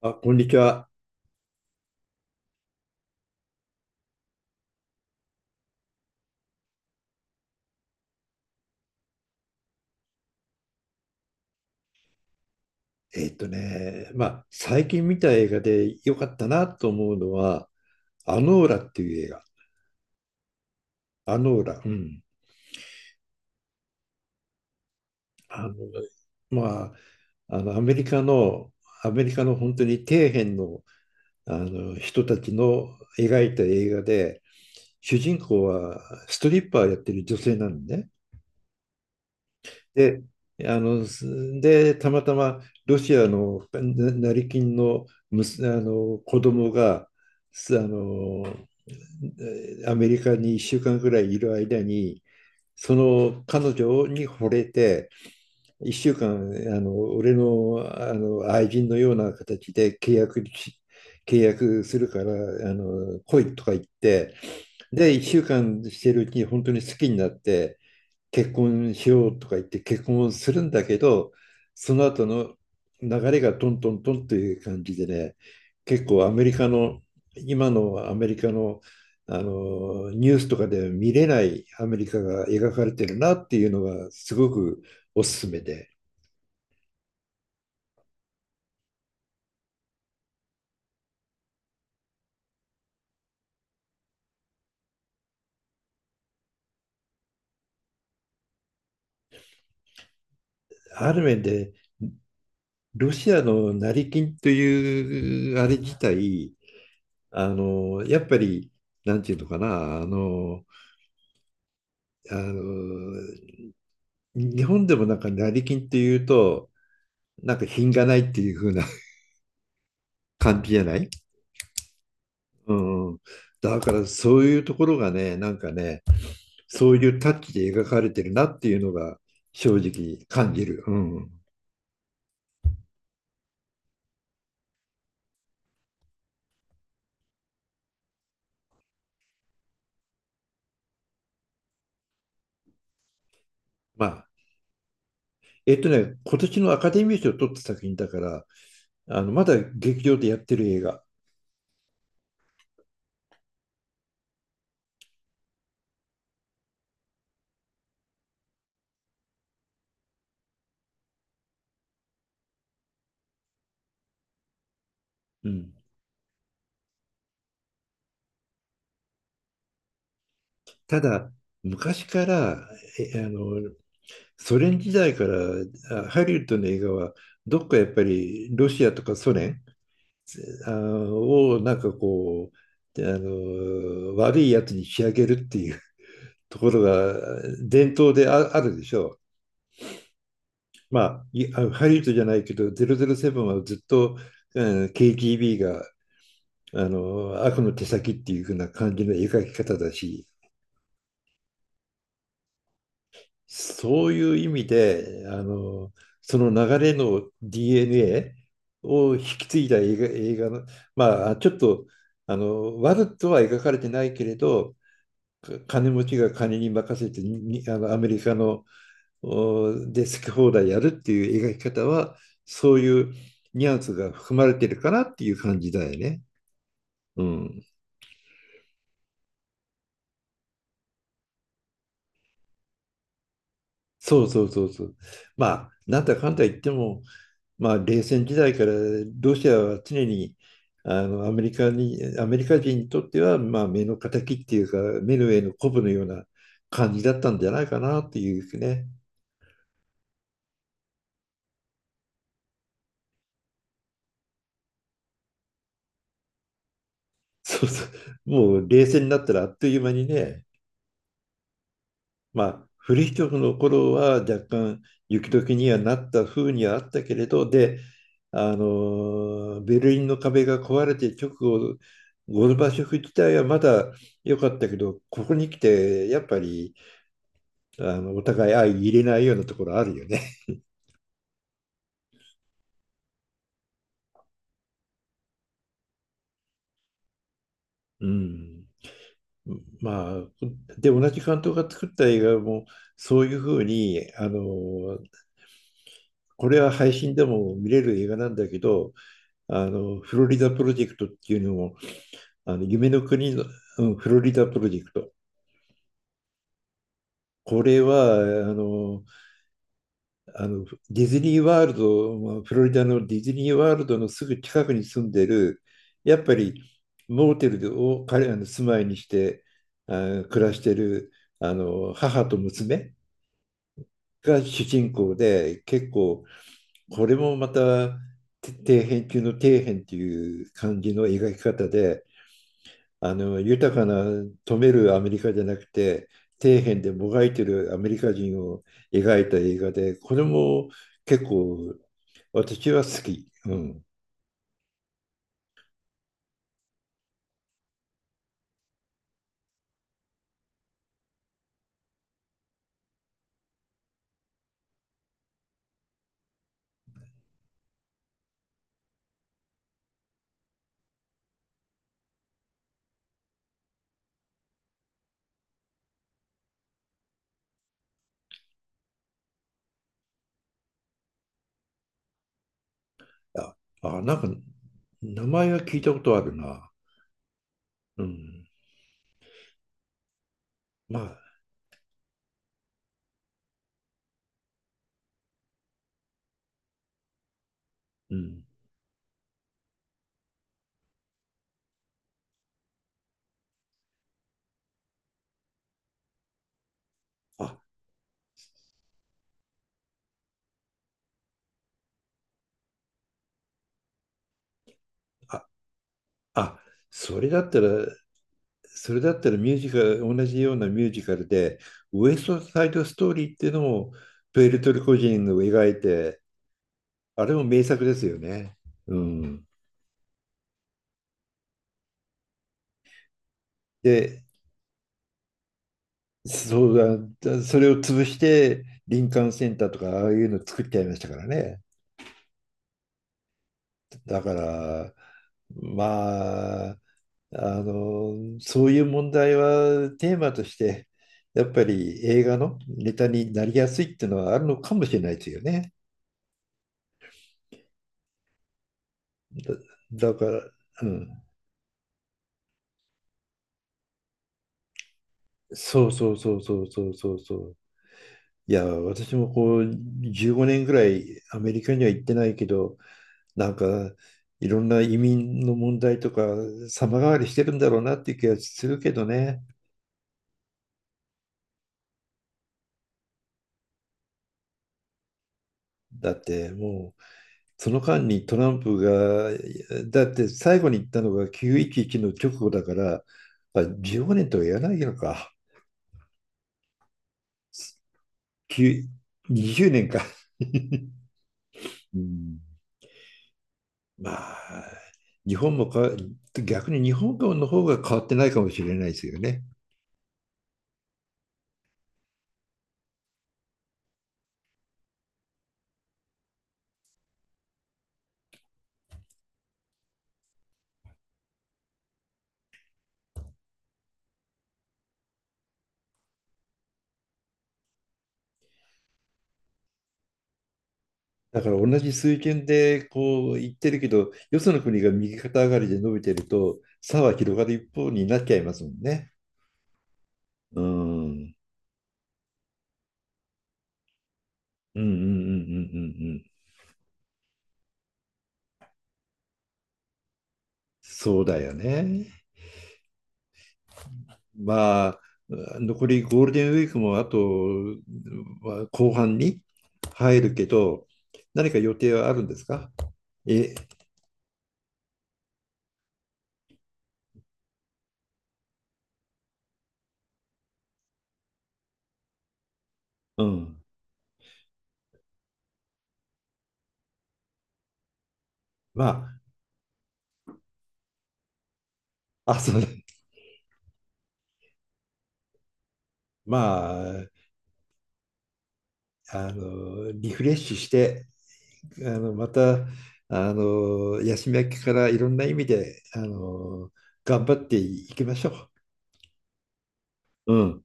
あ、こんにちは。まあ、最近見た映画で良かったなと思うのは、アノーラっていう映画。アノーラ。うん。あの、まあ、あの、アメリカの、アメリカの本当に底辺の、あの人たちの描いた映画で、主人公はストリッパーやってる女性なんでね。で、あの、すで、たまたまロシアのな成金の、あの子供が、すあのアメリカに1週間ぐらいいる間に、その彼女に惚れて、1週間、俺の、愛人のような形で契約するから、来いとか言って、で、1週間してるうちに本当に好きになって、結婚しようとか言って結婚するんだけど、その後の流れがトントントンという感じでね、結構アメリカの、今のアメリカの、ニュースとかでは見れないアメリカが描かれてるなっていうのがすごくおすすめで、ある面でロシアの成金というあれ自体、やっぱり、なんていうのかな、あの日本でもなんか成金っていうと、なんか品がないっていう風な 感じじゃない？うんうん。だからそういうところがね、なんかね、そういうタッチで描かれてるなっていうのが正直感じる。うん。まあ、今年のアカデミー賞を取った作品だから、まだ劇場でやってる映画。うん。ただ、昔から、えあの、ソ連時代からハリウッドの映画は、どっかやっぱりロシアとかソ連、なんかこう、悪いやつに仕上げるっていうところが伝統であるでしょう。まあ、ハリウッドじゃないけど、007はずっと、うん、KGB が悪の手先っていう風な感じの描き方だし、そういう意味で、その流れの DNA を引き継いだ映画の、まあ、ちょっと悪とは描かれてないけれど、金持ちが金に任せてにあのアメリカので好き放題やるっていう描き方はそういうニュアンスが含まれてるかなっていう感じだよね。うん。そうそうそうそう。まあなんだかんだ言っても、まあ、冷戦時代からロシアは常にアメリカ人にとっては、まあ、目の敵っていうか目の上のコブのような感じだったんじゃないかなっていうね。そうそう。もう冷戦になったらあっという間にね。まあ、フリヒチョフの頃は若干雪解けにはなった風にはあったけれど、で、ベルリンの壁が壊れて直後、ゴルバチョフ自体はまだ良かったけど、ここに来て、やっぱり、お互い相入れないようなところあるよね。うん。まあ、で、同じ監督が作った映画も、そういうふうに、これは配信でも見れる映画なんだけど、フロリダプロジェクトっていうのも、あの夢の国の、うん、フロリダプロジェクト。これはあのディズニーワールド、まあフロリダのディズニーワールドのすぐ近くに住んでる、やっぱりモーテルを彼らの住まいにして暮らしてる母と娘が主人公で、結構これもまた底辺中の底辺っていう感じの描き方で、豊かな富めるアメリカじゃなくて底辺でもがいてるアメリカ人を描いた映画でこれも結構私は好き。うん。あ、なんか名前は聞いたことあるな。うん、まあ、うん、あ、あ、あ、それだったらそれだったらミュージカル同じようなミュージカルでウエストサイドストーリーっていうのもプエルトリコ人を描いてあれも名作ですよね。うん。で、そうだ、それを潰して林間センターとかああいうの作っちゃいましたからね。だから、まあ、そういう問題はテーマとして、やっぱり映画のネタになりやすいっていうのはあるのかもしれないですよね。だ、だから、うん。そうそうそうそうそうそうそう。いや、私もこう15年ぐらいアメリカには行ってないけど、なんかいろんな移民の問題とか様変わりしてるんだろうなっていう気がするけどね。だってもうその間にトランプが、だって最後に言ったのが911の直後だから、まあ15年とは言わないのか。にじゅ20年か、うん。まあ、日本もか、逆に日本の方が変わってないかもしれないですよね。だから同じ水拳でこう言ってるけど、よその国が右肩上がりで伸びてると、差は広がる一方になっちゃいますもんね。うん。うんうんうんうんうんうん。そうだよね。まあ、残りゴールデンウィークもあと、まあ後半に入るけど、何か予定はあるんですか？え、うん。まあ、あ、そう、まあ、リフレッシュして、またヤシメからいろんな意味で頑張っていきましょう。うん。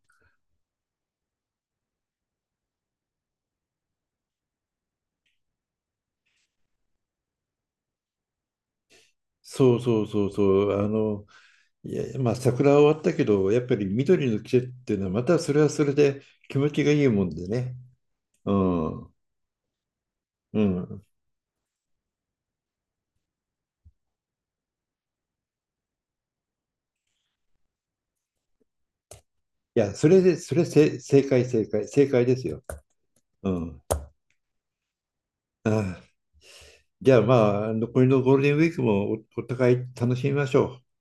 そうそうそうそう。いやまあ桜は終わったけどやっぱり緑の季節っていうのはまたそれはそれで気持ちがいいもんでね。うん。うん。いや、それでそれせ正解正解正解ですよ。うん。ああ、じゃあまあ残りのゴールデンウィークもお互い楽しみましょう。